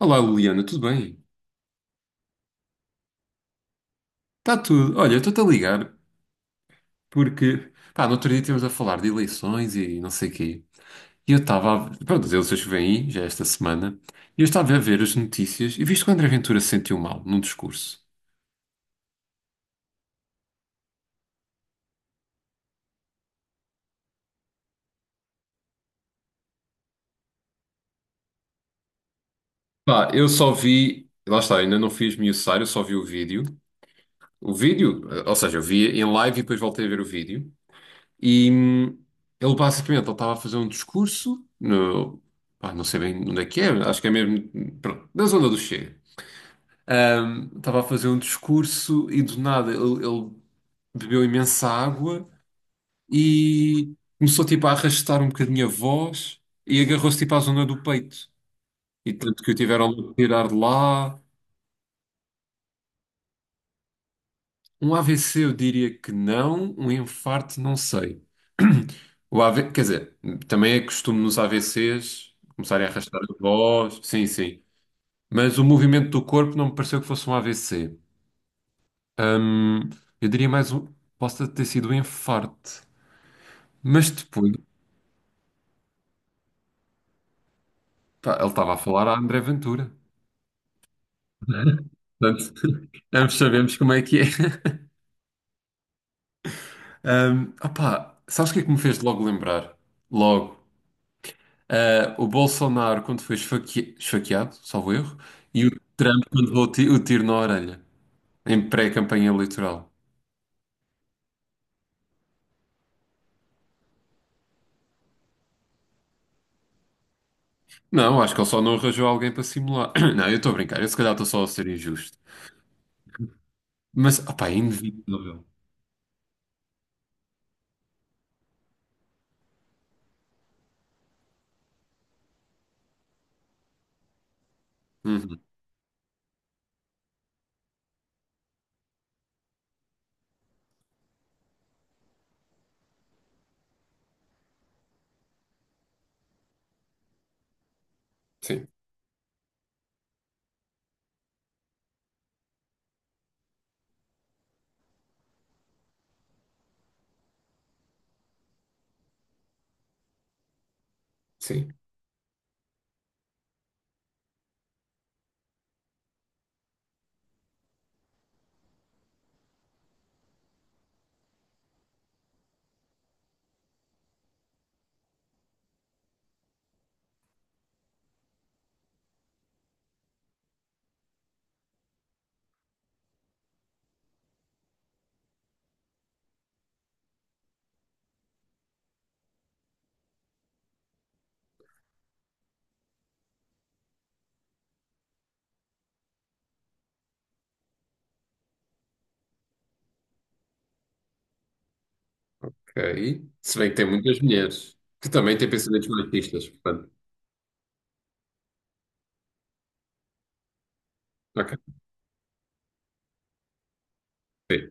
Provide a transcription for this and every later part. Olá, Liliana, tudo bem? Está tudo. Olha, eu estou-te a ligar porque, pá, no outro dia estivemos a falar de eleições e não sei quê. E eu estava a... Pronto, as eleições que vêm aí, já é esta semana, e eu estava a ver as notícias e viste que o André Ventura se sentiu mal num discurso. Pá, eu só vi... Lá está, ainda não fiz miuçar, eu só vi o vídeo. O vídeo, ou seja, eu vi em live e depois voltei a ver o vídeo. E hum, Ele basicamente, ele estava a fazer um discurso no... Pá, não sei bem onde é que é, acho que é mesmo, pronto, na zona do Chega. Estava a fazer um discurso e do nada ele bebeu imensa água e começou tipo a arrastar um bocadinho a voz e agarrou-se tipo à zona do peito. E tanto que o tiveram de tirar de lá. Um AVC eu diria que não, um infarto não sei. O AV, quer dizer, também é costume nos AVCs começarem a arrastar a voz, sim, sim. Mas o movimento do corpo não me pareceu que fosse um AVC. Ahm, eu diria mais um, possa ter sido um infarto. Mas depois, pá, ele estava a falar a André Ventura. Portanto, ambos sabemos como é que é. Opá, sabes o que é que me fez logo lembrar? Logo. Ah, o Bolsonaro quando foi esfaque... esfaqueado, salvo erro, e o Trump quando levou o o tiro na orelha, em pré-campanha eleitoral. Não, acho que ele só não arranjou alguém para simular. Não, eu estou a brincar, eu se calhar estou só a ser injusto. Mas, opá, é inevitável. Uhum. Sim, sim. Ok. Se bem que tem muitas mulheres que também têm pensamentos machistas, portanto. Ok, sim,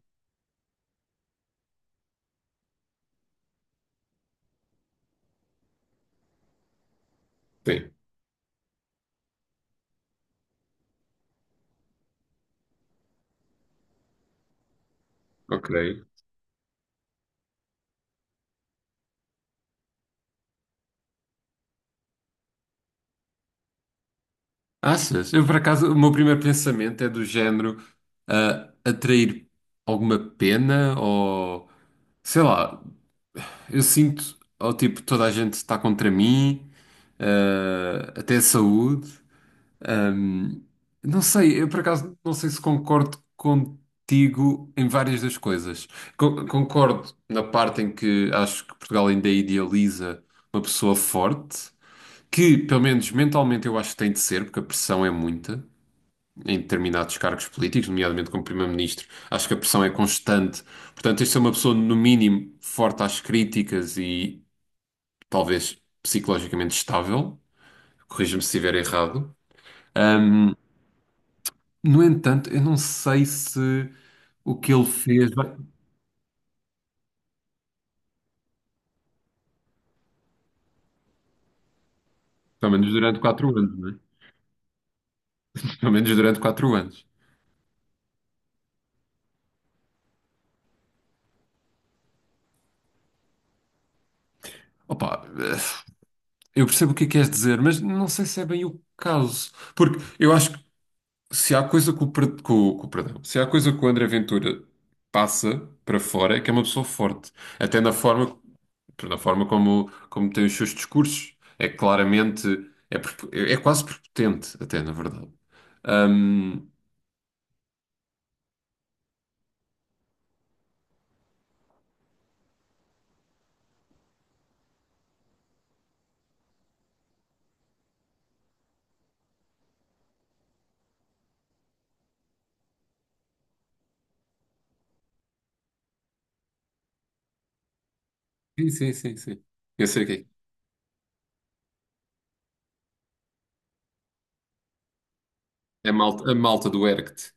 sim, ok. Achas? Eu, por acaso, o meu primeiro pensamento é do género ah, atrair alguma pena ou sei lá, eu sinto ou tipo toda a gente está contra mim, ah, até a saúde. Ahm, não sei, eu por acaso não sei se concordo contigo em várias das coisas. Concordo na parte em que acho que Portugal ainda idealiza uma pessoa forte. Que, pelo menos mentalmente, eu acho que tem de ser, porque a pressão é muita em determinados cargos políticos, nomeadamente como primeiro-ministro. Acho que a pressão é constante. Portanto, este é uma pessoa, no mínimo, forte às críticas e talvez psicologicamente estável. Corrija-me se estiver errado. Ahm, no entanto, eu não sei se o que ele fez, pelo menos durante 4 anos, não é? Pelo menos durante quatro anos. Opa, eu percebo o que é que queres dizer, mas não sei se é bem o caso. Porque eu acho se há coisa que o, per- que o- perdão, se há coisa que o André Ventura passa para fora é que é uma pessoa forte, até na forma como, como tem os seus discursos. É claramente, é, é quase prepotente, até na verdade. Ahm, sim, sim, sim, sim. Eu sei que é. É malta, a malta do Erct.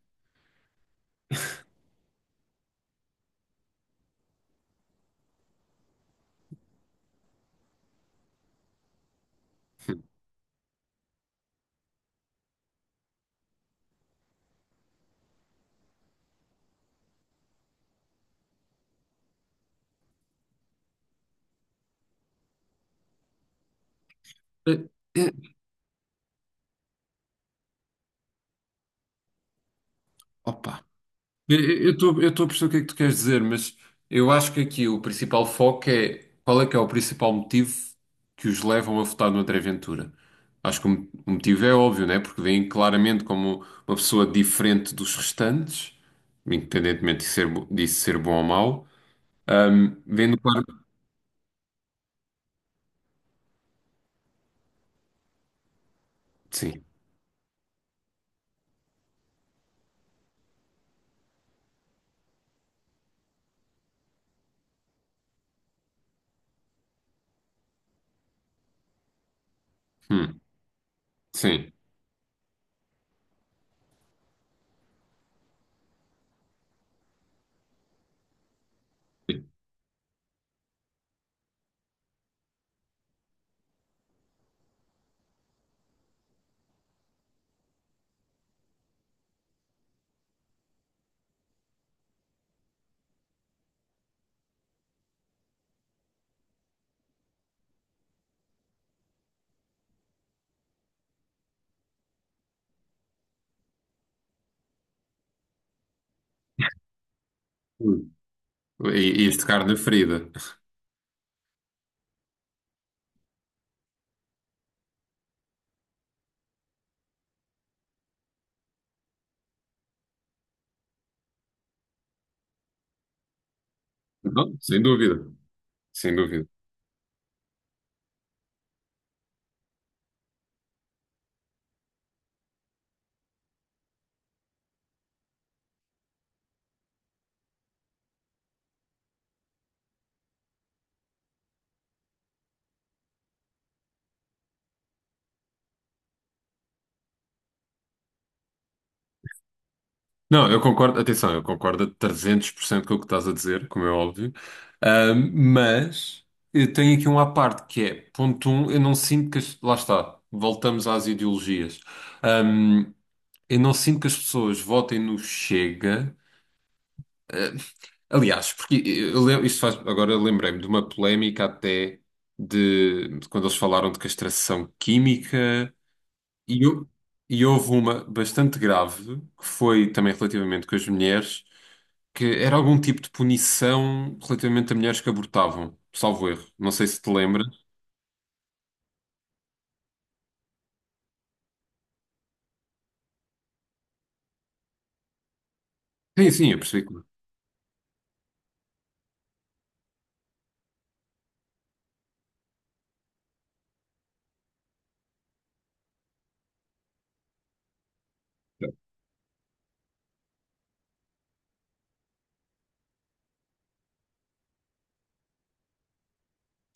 É, é- Opa. Eu estou a perceber o que é que tu queres dizer, mas eu acho que aqui o principal foco é qual é que é o principal motivo que os levam a votar no André Ventura. Acho que o o motivo é óbvio, né? Porque vem claramente como uma pessoa diferente dos restantes, independentemente de ser, disso ser bom ou mau. Vendo claro. Sim. Hum, sim. Sim. Hum. E este carne ferida. Não, sem dúvida, sem dúvida. Não, eu concordo, atenção, eu concordo a 300% com o que estás a dizer, como é óbvio. Mas eu tenho aqui um à parte que é, ponto um, eu não sinto que as, lá está, voltamos às ideologias. Ahm, eu não sinto que as pessoas votem no Chega. Ah, aliás, porque eu, isto faz, agora lembrei-me de uma polémica até de quando eles falaram de castração química e, e houve uma bastante grave, que foi também relativamente com as mulheres, que era algum tipo de punição relativamente a mulheres que abortavam, salvo erro. Não sei se te lembras. Sim, sim, eu percebi. Que...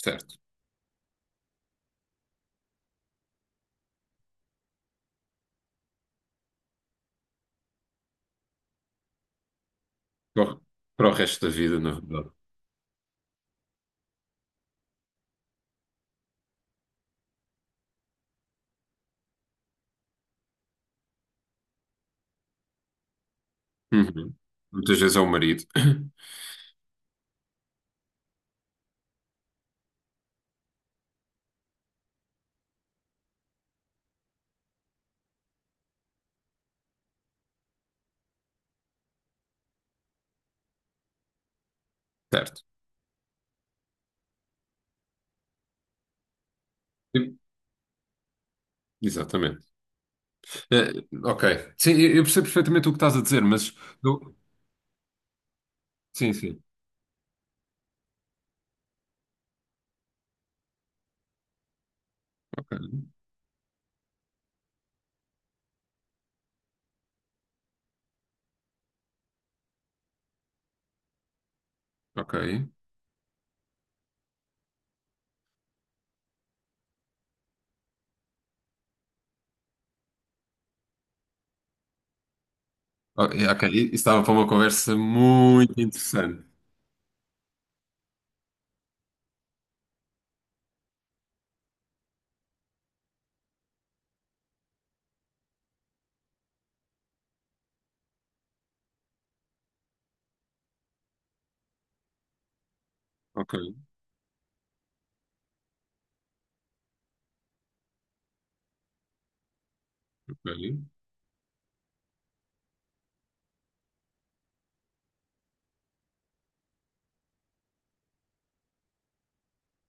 Certo. Para o para o resto da vida, na verdade. Uhum. Muitas vezes é o marido. Certo. Exatamente. Ok. Sim, eu percebo perfeitamente o que estás a dizer, mas... eu... Sim, sim. Ok. Ok. Ok. Isso estava para uma conversa muito interessante. Ok. Olha.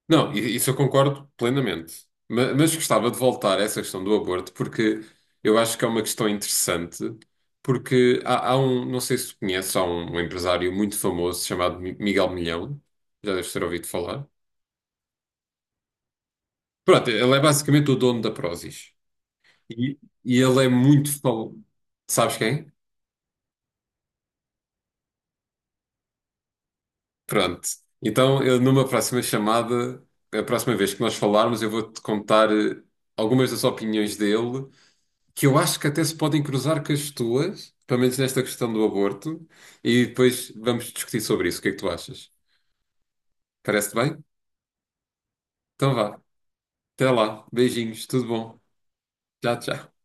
Não, isso eu concordo plenamente. Mas gostava de voltar a essa questão do aborto, porque eu acho que é uma questão interessante, porque há, há um, não sei se tu conheces, há um, um empresário muito famoso chamado Miguel Milhão, já deves ter ouvido falar. Pronto, ele é basicamente o dono da Prozis. E, e ele é muito famoso. Sabes quem? Pronto. Então, eu, numa próxima chamada, a próxima vez que nós falarmos, eu vou-te contar algumas das opiniões dele que eu acho que até se podem cruzar com as tuas, pelo menos nesta questão do aborto, e depois vamos discutir sobre isso. O que é que tu achas? Parece-te bem? Então vá. Até lá. Beijinhos. Tudo bom. Tchau, tchau.